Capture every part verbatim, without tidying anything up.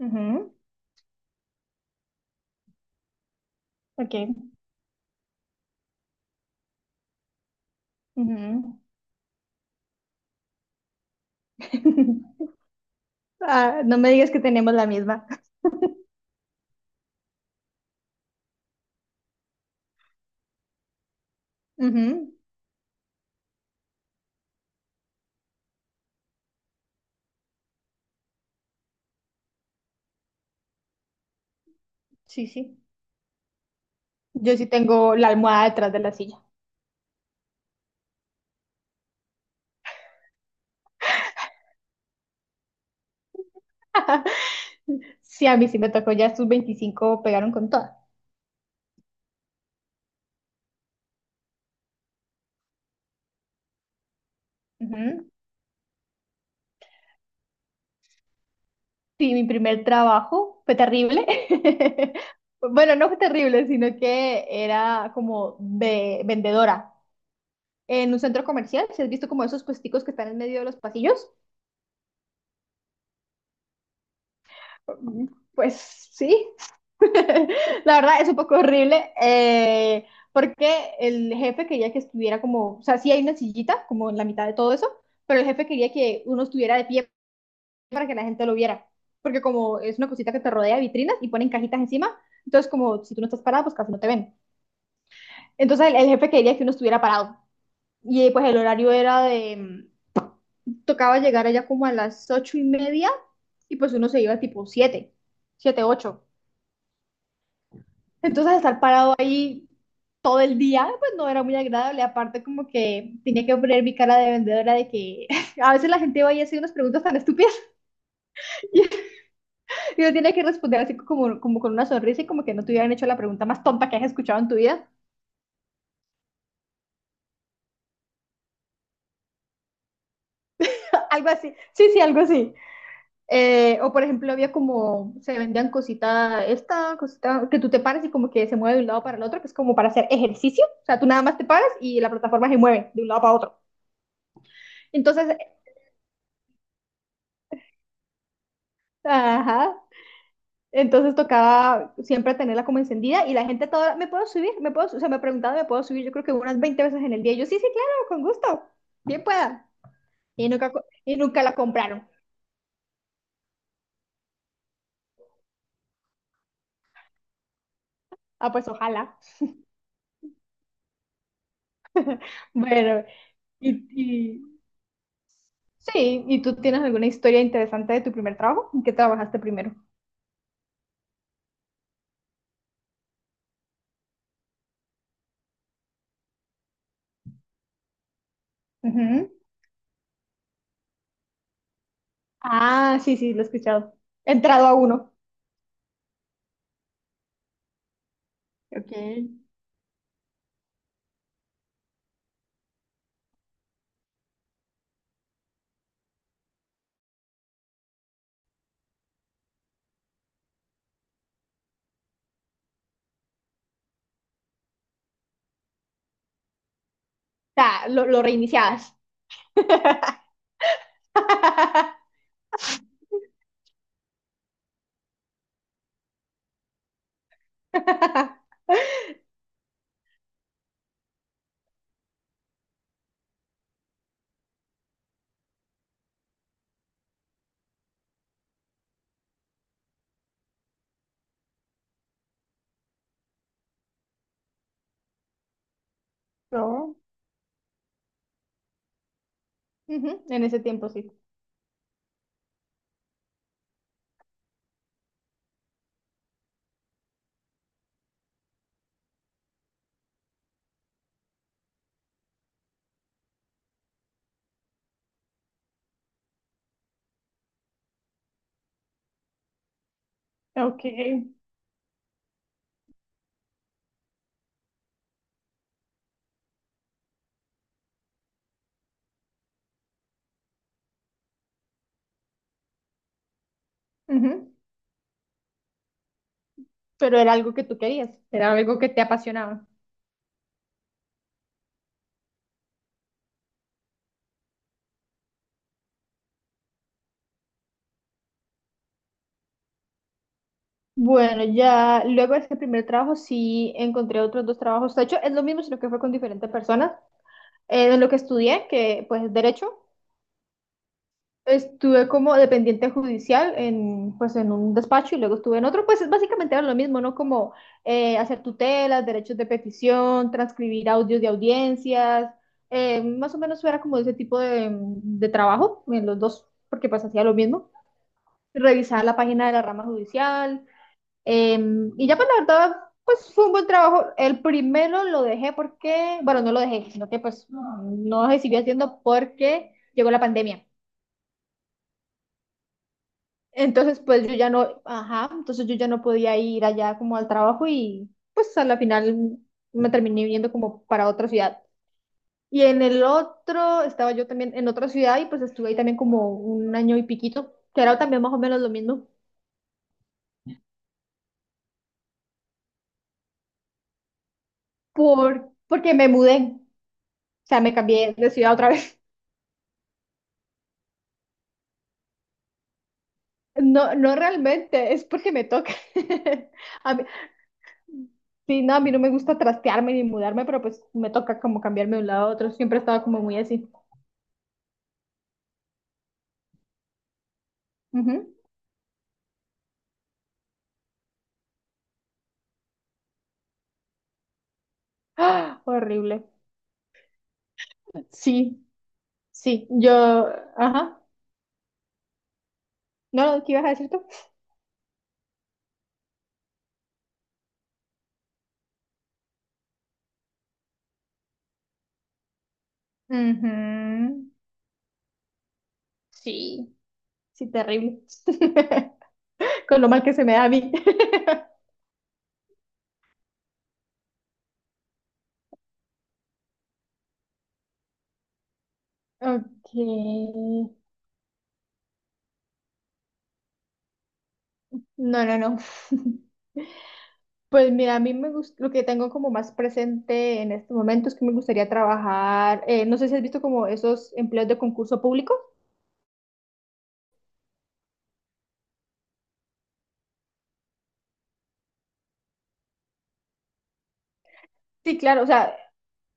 Ujú, ok. Ujú. Ah, no me digas que tenemos la misma. Ujú. Sí, sí. Yo sí tengo la almohada detrás de la silla. Sí, a mí sí me tocó, ya sus veinticinco pegaron con toda. Ujú. Sí, mi primer trabajo fue terrible. Bueno, no fue terrible, sino que era como de vendedora en un centro comercial. ¿Si has visto como esos puesticos que están en medio de los pasillos? Mm, Pues sí, la verdad es un poco horrible, eh, porque el jefe quería que estuviera como, o sea, sí hay una sillita como en la mitad de todo eso, pero el jefe quería que uno estuviera de pie para que la gente lo viera, porque como es una cosita que te rodea de vitrinas y ponen cajitas encima, entonces como si tú no estás parado, pues casi no te ven. Entonces el, el jefe quería que uno estuviera parado y eh, pues el horario era de, tocaba llegar allá como a las ocho y media y pues uno se iba tipo siete, siete, ocho. Entonces estar parado ahí todo el día, pues no era muy agradable. Aparte, como que tenía que poner mi cara de vendedora de que a veces la gente va y hace unas preguntas tan estúpidas y yo tenía que responder así como, como con una sonrisa y como que no te hubieran hecho la pregunta más tonta que has escuchado en tu vida. Algo así. Sí, sí, algo así. Eh, o por ejemplo, había como se vendían cosita, esta cosita que tú te paras y como que se mueve de un lado para el otro, que es como para hacer ejercicio. O sea, tú nada más te paras y la plataforma se mueve de un lado para otro. Entonces, ajá, entonces tocaba siempre tenerla como encendida y la gente toda, ¿me puedo subir? ¿Me puedo? su-?" O sea, me preguntaban, ¿me puedo subir? Yo creo que unas veinte veces en el día. Y yo, sí, sí, claro, con gusto, bien pueda. Y nunca, co- y nunca la compraron. Ah, pues ojalá. Bueno, y, y sí, ¿y tú tienes alguna historia interesante de tu primer trabajo? ¿En qué trabajaste primero? Ujú. Ah, sí, sí, lo he escuchado. He entrado a uno. Ok. O sea, lo, lo reiniciabas. No. Ujú, en ese tiempo sí. Ok. Ujú. Pero era algo que tú querías, era algo que te apasionaba. Bueno, ya luego de este primer trabajo sí encontré otros dos trabajos. De hecho, es lo mismo, sino que fue con diferentes personas. Eh, de lo que estudié, que pues es derecho, estuve como dependiente judicial en, pues, en un despacho y luego estuve en otro, pues es básicamente era lo mismo, ¿no? Como eh, hacer tutelas, derechos de petición, transcribir audios de audiencias, eh, más o menos era como ese tipo de, de trabajo en los dos, porque pues hacía lo mismo, revisar la página de la rama judicial, eh, y ya pues la verdad, pues fue un buen trabajo. El primero lo dejé porque, bueno, no lo dejé, sino que pues no lo seguí haciendo porque llegó la pandemia. Entonces, pues yo ya no, ajá, entonces yo ya no podía ir allá como al trabajo y pues a la final me terminé viniendo como para otra ciudad. Y en el otro, estaba yo también en otra ciudad y pues estuve ahí también como un año y piquito, que era también más o menos lo mismo, por, porque me mudé, o sea, me cambié de ciudad otra vez. No, no realmente, es porque me toca. A mí- sí, no, a mí no me gusta trastearme ni mudarme, pero pues me toca como cambiarme de un lado a otro, siempre estaba como muy así. Ujú. Horrible. Sí, sí, yo, ajá, no, no, ¿qué ibas a decir tú? Ujú. Sí, sí, terrible. Con lo mal que se me da a mí. Ok. No, no, no. Pues mira, a mí me gusta, lo que tengo como más presente en este momento es que me gustaría trabajar, eh, no sé si has visto como esos empleos de concurso público. Sí, claro, o sea,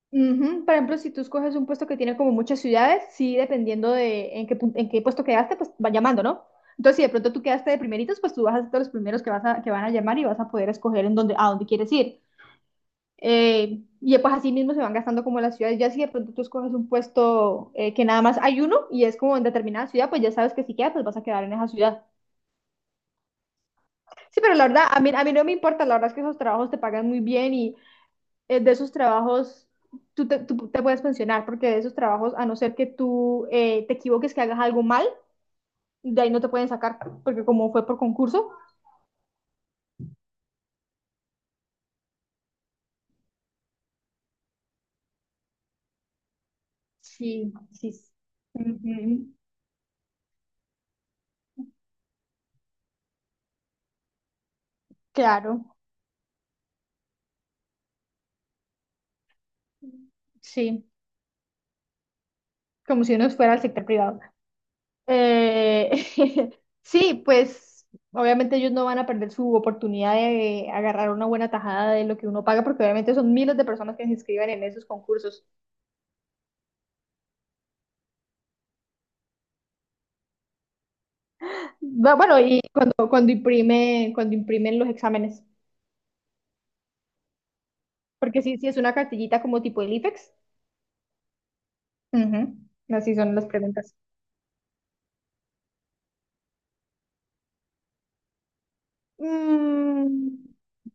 ujú. Por ejemplo, si tú escoges un puesto que tiene como muchas ciudades, sí, dependiendo de en qué, pun- en qué puesto quedaste, pues va llamando, ¿no? Entonces, si de pronto tú quedaste de primeritos, pues tú vas a ser de los primeros que, vas a, que van a llamar y vas a poder escoger en dónde, a dónde quieres ir. Eh, y pues así mismo se van gastando como las ciudades. Ya si de pronto tú escoges un puesto eh, que nada más hay uno y es como en determinada ciudad, pues ya sabes que si quedas, pues vas a quedar en esa ciudad. Sí, pero la verdad, a mí, a mí no me importa, la verdad es que esos trabajos te pagan muy bien y eh, de esos trabajos, tú te, tú te puedes pensionar, porque de esos trabajos, a no ser que tú eh, te equivoques, que hagas algo mal, de ahí no te pueden sacar, porque como fue por concurso. Sí, sí. Sí. Ujú. Claro, sí, como si uno fuera al sector privado. Eh, sí, pues obviamente ellos no van a perder su oportunidad de agarrar una buena tajada de lo que uno paga, porque obviamente son miles de personas que se inscriben en esos concursos. Va- Bueno, y cuando, cuando imprime, cuando imprimen los exámenes. Porque sí, sí es una cartillita como tipo el I F E X. Ujú. Así son las preguntas. Mm,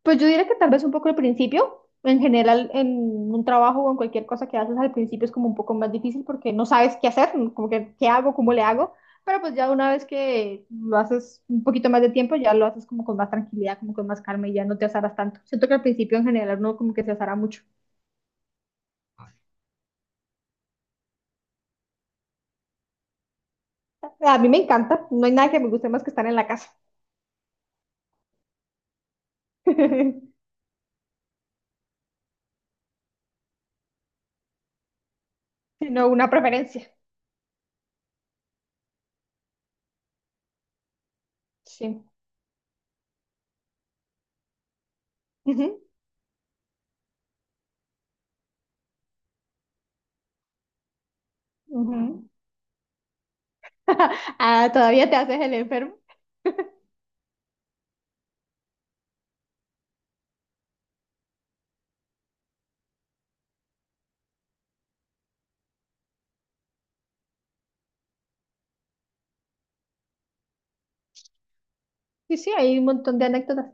pues yo diría que tal vez un poco al principio. En general, en un trabajo o en cualquier cosa que haces al principio es como un poco más difícil porque no sabes qué hacer, como que qué hago, cómo le hago. Pero pues ya una vez que lo haces un poquito más de tiempo, ya lo haces como con más tranquilidad, como con más calma y ya no te azaras tanto. Siento que al principio en general uno como que se azara mucho. A mí me encanta, no hay nada que me guste más que estar en la casa, sino una preferencia. Sí. Ujú, ujú. Ah, todavía te haces el enfermo. Sí, sí, hay un montón de anécdotas.